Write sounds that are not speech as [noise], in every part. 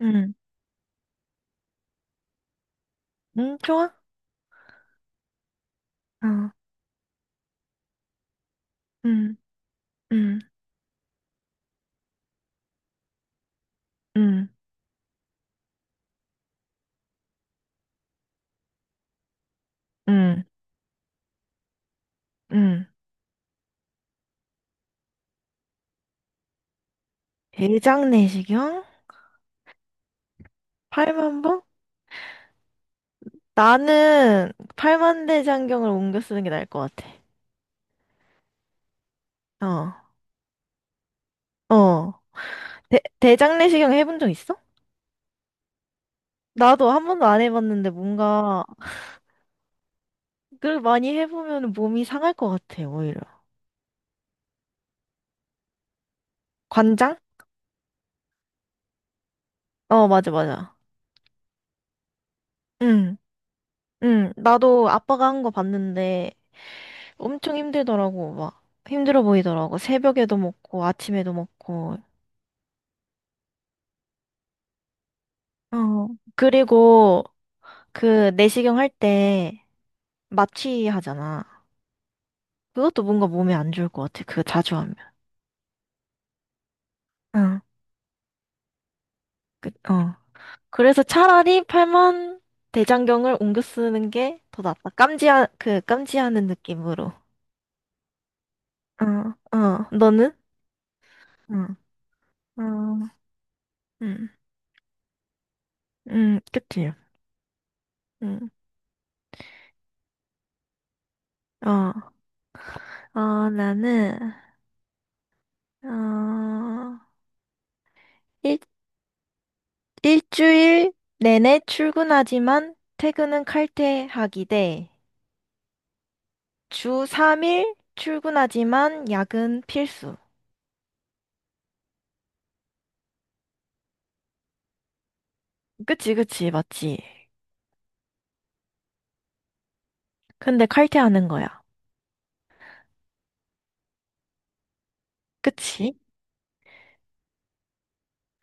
응, 응, 좋아. 어, 응, 응, 응, 응, 응. 대장내시경? 팔만봉? 나는 팔만대장경을 옮겨 쓰는 게 나을 것 같아. 어, 어. 대장내시경 해본 적 있어? 나도 한 번도 안 해봤는데 뭔가 그걸 많이 해보면 몸이 상할 것 같아, 오히려. 관장? 어, 맞아, 맞아. 응, 응. 나도 아빠가 한 거 봤는데 엄청 힘들더라고, 막. 힘들어 보이더라고. 새벽에도 먹고, 아침에도 먹고. 어, 그리고 그 내시경 할 때 마취 하잖아. 그것도 뭔가 몸에 안 좋을 것 같아. 그거 자주 하면. 어, 그, 어. 그래서 차라리 팔만 대장경을 옮겨 쓰는 게 더 낫다. 그 깜지하는 느낌으로. 어, 어. 너는? 응. 어, 음, 그치. 음, 어, 어, 나는, 어, 일, 일주일 내내 출근하지만 퇴근은 칼퇴하기 대, 주 3일 출근하지만 야근 필수. 그치, 그치, 맞지. 근데 칼퇴하는 거야. 그치?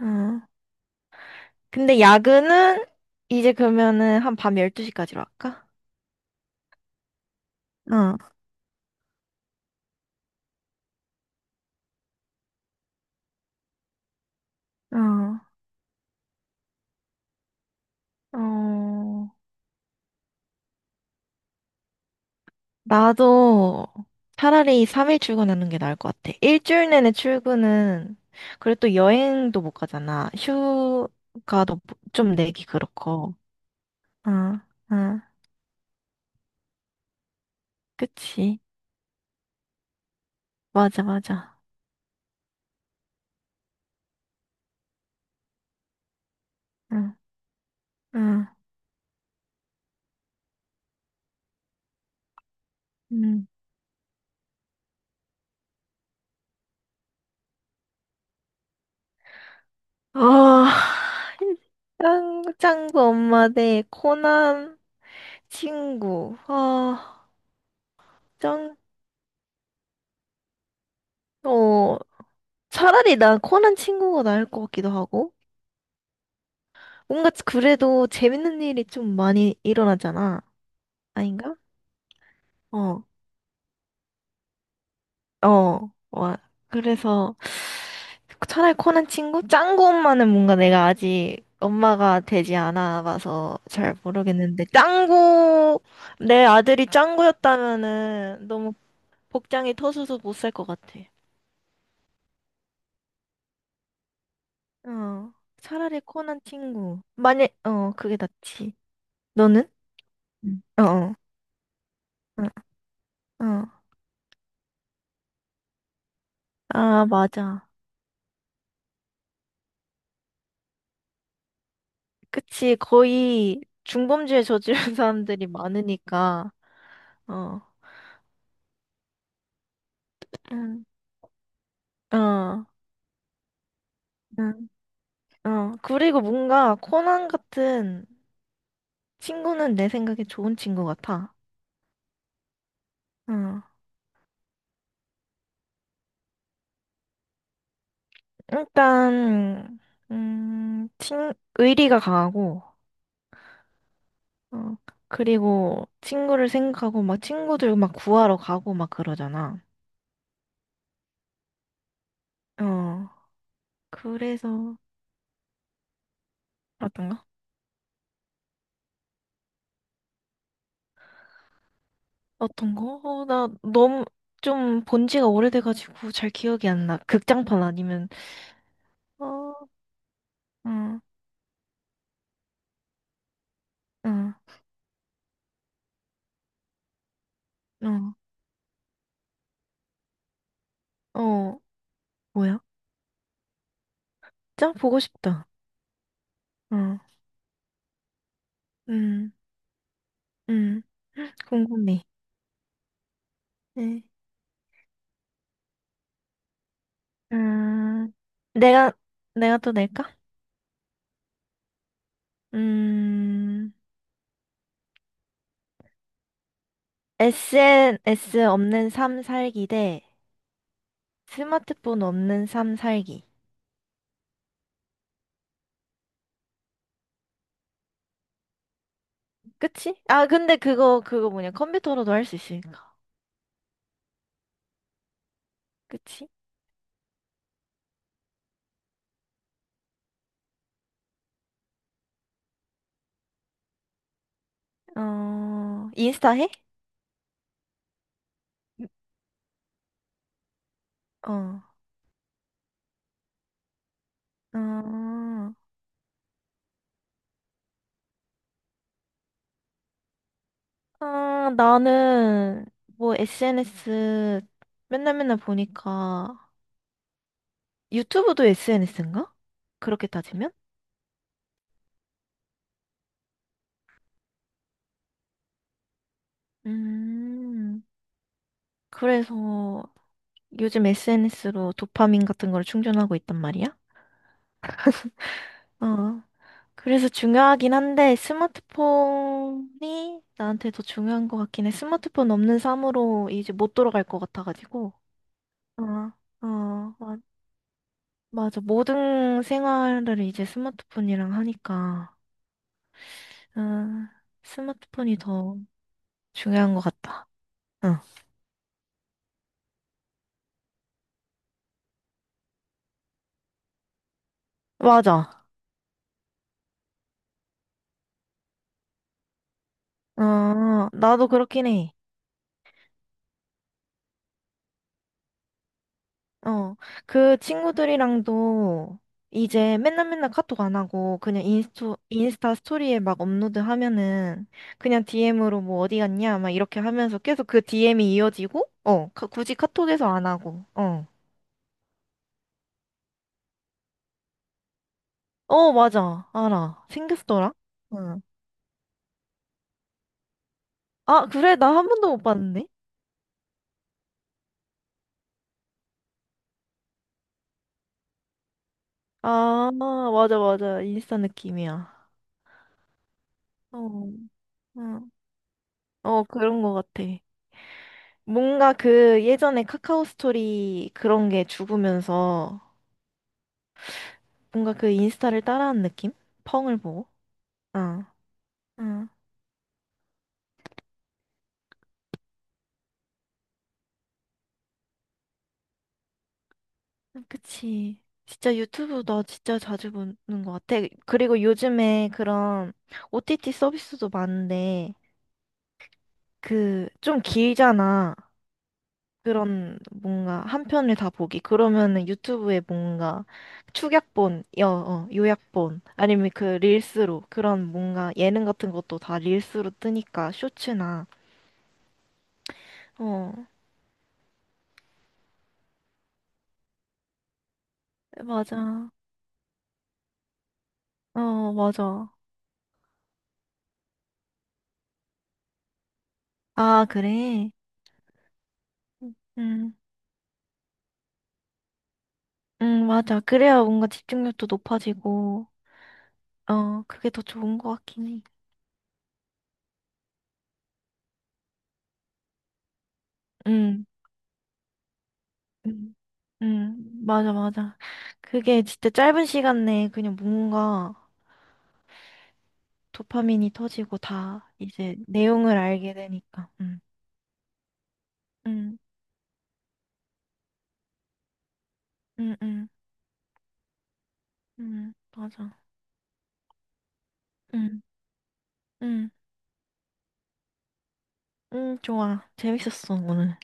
어. 근데 야근은 이제 그러면은 한 밤 12시까지로 할까? 어, 어, 어. 나도 차라리 3일 출근하는 게 나을 것 같아. 일주일 내내 출근은, 그리고 또 여행도 못 가잖아. 휴가도 뭐 좀 내기 그렇고. 어, 어. 그치. 맞아, 맞아. 응, 응. 음. 아, 짱구 엄마 대 코난 친구. 아, 짱, 어, 차라리 난 코난 친구가 나을 것 같기도 하고. 뭔가 그래도 재밌는 일이 좀 많이 일어나잖아. 아닌가? 어. 어, 와. 그래서 차라리 코난 친구? 짱구 엄마는 뭔가 내가 아직 엄마가 되지 않아 봐서 잘 모르겠는데, 짱구, 내 아들이 짱구였다면은 너무 복장이 터져서 못 살 것 같아. 어, 차라리 코난 친구. 그게 낫지. 너는? 응 어, 어, 어. 어. 아, 맞아. 그치, 거의 중범죄에 저지른 [laughs] 사람들이 많으니까, 어, 응, 어. 응. 어, 그리고 뭔가 코난 같은 친구는 내 생각에 좋은 친구 같아. 어, 일단, 음, 친, 의리가 강하고, 어, 그리고 친구를 생각하고 막 친구들 막 구하러 가고 막 그러잖아. 어, 그래서, 어떤가? 어떤 거? 어, 나 너무 좀 본 지가 오래돼가지고 잘 기억이 안 나. 극장판 아니면, 어, 어, 어, 어, 어, 뭐야? 짱 보고 싶다. 어, 음. 음, 궁금해. 네. 음, 내가, 내가 또 낼까? 음, SNS 없는 삶 살기 대 스마트폰 없는 삶 살기. 그치? 아, 근데 그거 뭐냐. 컴퓨터로도 할 수 있으니까. 그치? 어, 인스타 해? 어, 어, 아, 나는 뭐 SNS 맨날 맨날 보니까 유튜브도 SNS인가? 그렇게 따지면? 음, 그래서 요즘 SNS로 도파민 같은 걸 충전하고 있단 말이야? 어. 그래서 중요하긴 한데 스마트폰이 나한테 더 중요한 것 같긴 해. 스마트폰 없는 삶으로 이제 못 돌아갈 것 같아가지고. 어, 어. 맞아. 모든 생활을 이제 스마트폰이랑 하니까. 어, 스마트폰이 더 중요한 것 같다. 응. 맞아. 어, 나도 그렇긴 해. 어, 그 친구들이랑도 이제 맨날 맨날 카톡 안 하고 그냥 인스타 스토리에 막 업로드 하면은 그냥 DM으로 뭐 어디 갔냐 막 이렇게 하면서 계속 그 DM이 이어지고 어, 굳이 카톡에서 안 하고 어. 어, 맞아. 알아. 생겼더라. 응. 아, 그래? 나 한 번도 못 봤는데? 아, 맞아, 맞아. 인스타 느낌이야. 어, 응. 어, 그런 거 같아. 뭔가 그 예전에 카카오 스토리 그런 게 죽으면서 뭔가 그 인스타를 따라하는 느낌? 펑을 보고. 어, 어, 그치. 진짜 유튜브 나 진짜 자주 보는 것 같아. 그리고 요즘에 그런 OTT 서비스도 많은데, 그, 좀 길잖아. 그런 뭔가 한 편을 다 보기. 그러면은 유튜브에 뭔가 요약본, 아니면 그 릴스로, 그런 뭔가 예능 같은 것도 다 릴스로 뜨니까, 쇼츠나. 어, 맞아. 어, 맞아. 아, 그래? 음, 맞아. 그래야 뭔가 집중력도 높아지고, 어, 그게 더 좋은 것 같긴 해. 음, 음, 맞아, 맞아. 그게 진짜 짧은 시간 내에 그냥 뭔가 도파민이 터지고 다 이제 내용을 알게 되니까. 음, 음, 음, 맞아. 음, 음, 좋아. 재밌었어, 오늘.